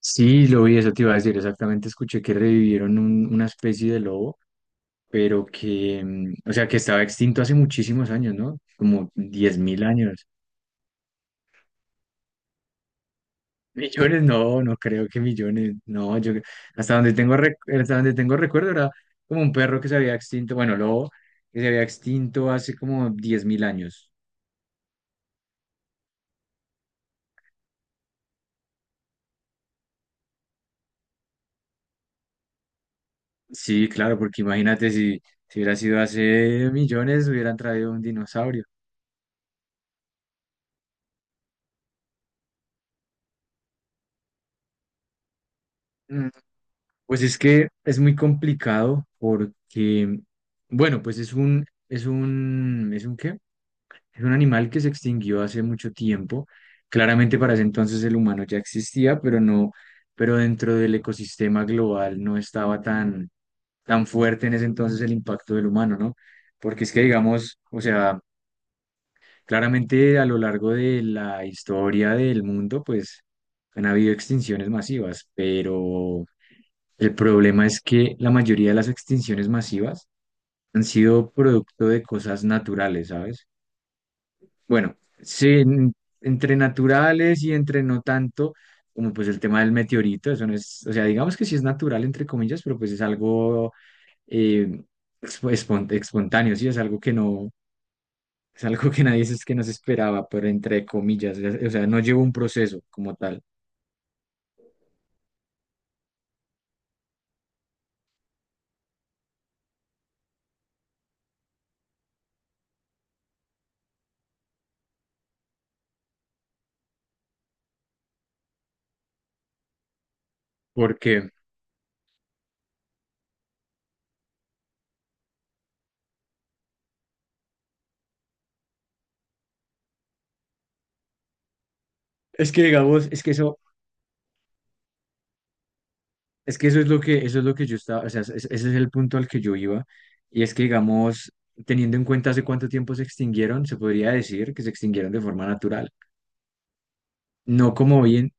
Sí, lo vi, eso te iba a decir, exactamente escuché que revivieron una especie de lobo, pero que, o sea, que estaba extinto hace muchísimos años, ¿no? Como 10.000 años. Millones, no, no creo que millones, no, yo hasta donde tengo rec- hasta donde tengo recuerdo era como un perro que se había extinto, bueno, lobo que se había extinto hace como 10.000 años. Sí, claro, porque imagínate si hubiera sido hace millones, hubieran traído un dinosaurio. Mm. Pues es que es muy complicado porque, bueno, pues ¿es un qué? Es un animal que se extinguió hace mucho tiempo. Claramente para ese entonces el humano ya existía, pero no, pero dentro del ecosistema global no estaba tan, tan fuerte en ese entonces el impacto del humano, ¿no? Porque es que digamos, o sea, claramente a lo largo de la historia del mundo, pues han habido extinciones masivas, pero el problema es que la mayoría de las extinciones masivas han sido producto de cosas naturales, ¿sabes? Bueno, sí, entre naturales y entre no tanto, como pues el tema del meteorito, eso no es, o sea, digamos que sí es natural, entre comillas, pero pues es algo eh, espontáneo, sí, es algo que nadie es que no se esperaba, pero entre comillas, o sea, no lleva un proceso como tal, porque es que digamos, es que eso es lo que, yo estaba, o sea, ese es el punto al que yo iba, y es que, digamos, teniendo en cuenta hace cuánto tiempo se extinguieron, se podría decir que se extinguieron de forma natural. No como hoy en,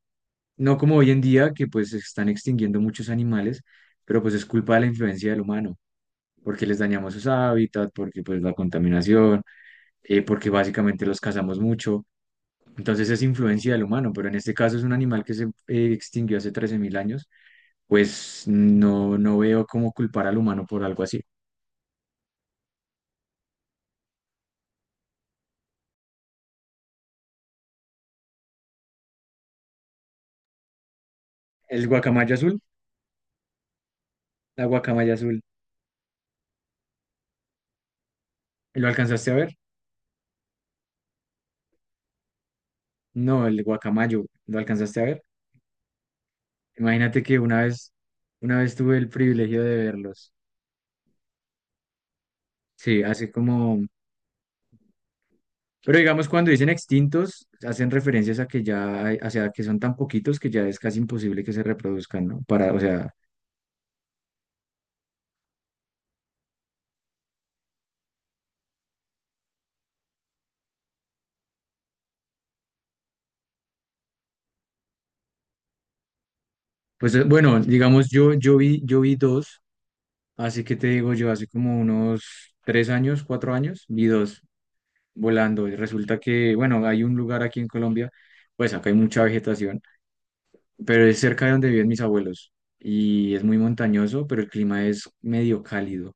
no como hoy en día, que pues se están extinguiendo muchos animales, pero pues es culpa de la influencia del humano, porque les dañamos sus hábitats, porque pues la contaminación, porque básicamente los cazamos mucho. Entonces es influencia del humano, pero en este caso es un animal que se extinguió hace 13.000 años, pues no, no veo cómo culpar al humano por algo así. El guacamayo azul, la guacamaya azul, ¿lo alcanzaste a ver? No, el guacamayo, ¿lo alcanzaste a ver? Imagínate que una vez tuve el privilegio de verlos. Sí, así como, pero digamos cuando dicen extintos, hacen referencias a que ya, o sea, que son tan poquitos que ya es casi imposible que se reproduzcan, ¿no? Para, o sea, pues bueno, digamos yo vi dos, así que te digo yo, hace como unos 3 años, 4 años, vi dos volando. Y resulta que, bueno, hay un lugar aquí en Colombia, pues acá hay mucha vegetación, pero es cerca de donde viven mis abuelos y es muy montañoso, pero el clima es medio cálido.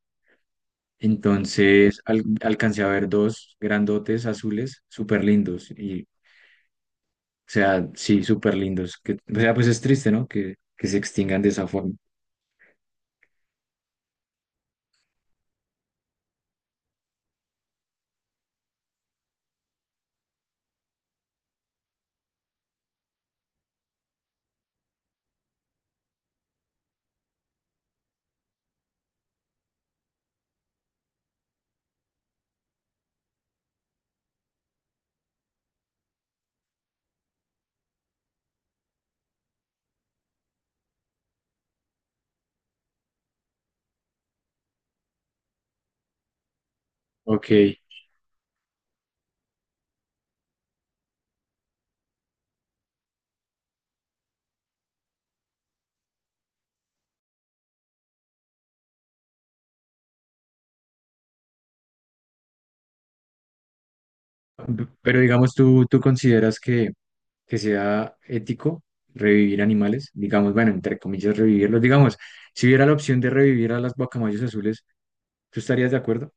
Entonces alcancé a ver dos grandotes azules súper lindos y, o sea, sí, súper lindos. Que, o sea, pues es triste, ¿no? Que se extingan de esa forma. Ok. Pero digamos, tú consideras que sea ético revivir animales, digamos, bueno, entre comillas, revivirlos, digamos, si hubiera la opción de revivir a las guacamayos azules, ¿tú estarías de acuerdo?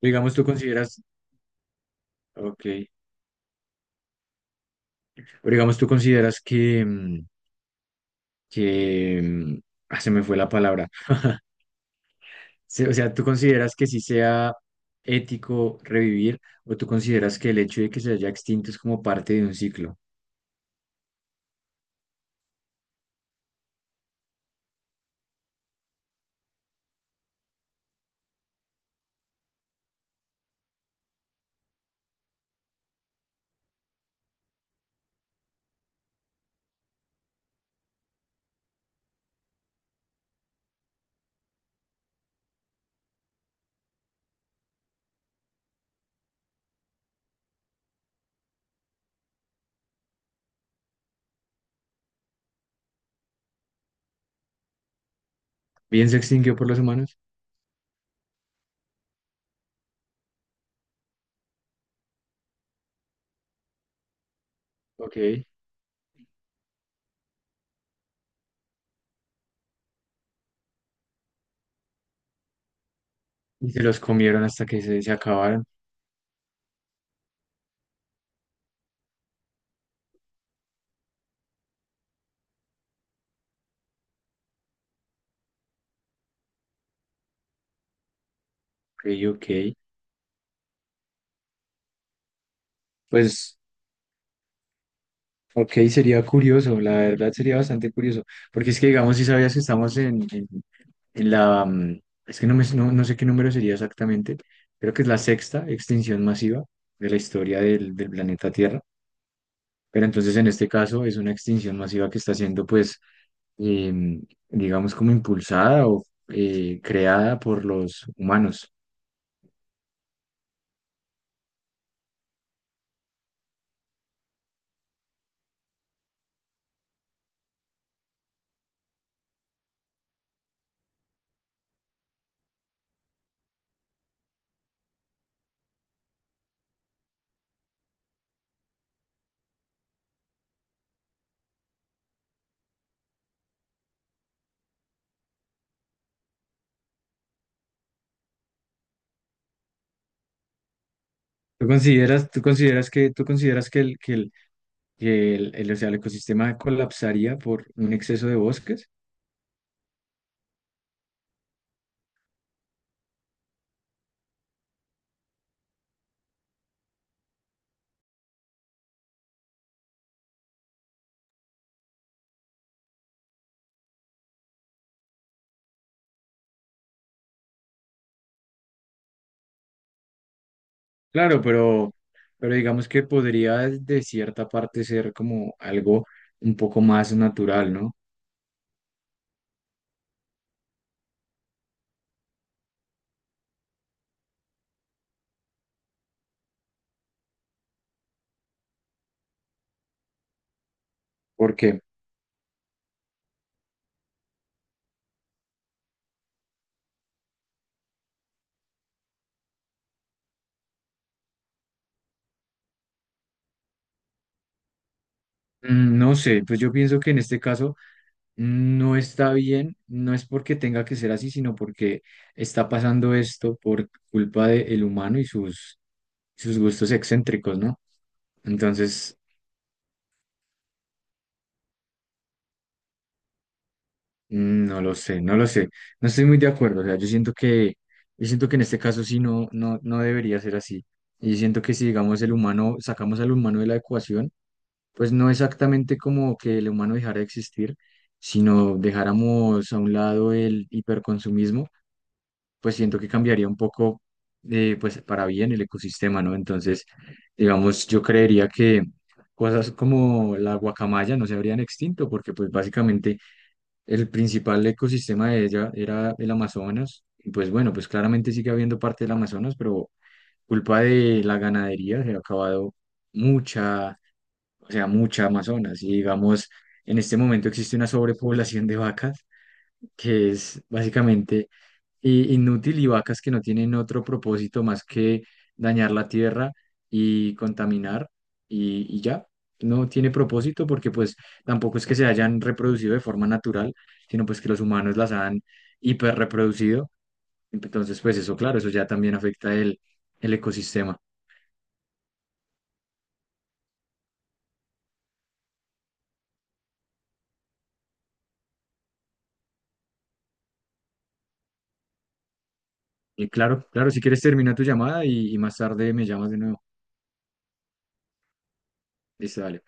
Digamos, tú consideras, ok, o digamos, tú consideras que, que, mm, ah, se me fue la palabra. O sea, tú consideras que sí sea ético revivir, o tú consideras que el hecho de que se haya extinto es como parte de un ciclo, bien se extinguió por los humanos, ok, y se los comieron hasta que se acabaron, ok, ok. Pues ok, sería curioso, la verdad sería bastante curioso, porque es que digamos, si sabías que estamos en la, mm, es que no, me, no, no sé qué número sería exactamente, creo que es la sexta extinción masiva de la historia del planeta Tierra, pero entonces en este caso es una extinción masiva que está siendo, pues, em, digamos, como impulsada o creada por los humanos. ¿Tú consideras que o sea, el ecosistema colapsaría por un exceso de bosques? Claro, pero, digamos que podría de cierta parte ser como algo un poco más natural, ¿no? Porque, no sé, pues yo pienso que en este caso no está bien, no es porque tenga que ser así, sino porque está pasando esto por culpa del humano y sus gustos excéntricos, ¿no? Entonces, no lo sé, no lo sé. No estoy muy de acuerdo. O sea, yo siento que en este caso sí no, no, no debería ser así. Y yo siento que si, digamos, el humano, sacamos al humano de la ecuación, pues no exactamente como que el humano dejara de existir, sino dejáramos a un lado el hiperconsumismo, pues siento que cambiaría un poco, pues para bien el ecosistema, ¿no? Entonces, digamos, yo creería que cosas como la guacamaya no se habrían extinto, porque pues básicamente el principal ecosistema de ella era el Amazonas. Y pues bueno, pues claramente sigue habiendo parte del Amazonas, pero culpa de la ganadería se ha acabado mucha, o sea, mucha Amazonas. Y digamos, en este momento existe una sobrepoblación de vacas que es básicamente inútil, y vacas que no tienen otro propósito más que dañar la tierra y contaminar, y ya. No tiene propósito porque pues tampoco es que se hayan reproducido de forma natural, sino pues que los humanos las han hiperreproducido. Entonces pues eso, claro, eso ya también afecta el ecosistema. Y claro, claro, si quieres termina tu llamada, y más tarde me llamas de nuevo. Listo, dale.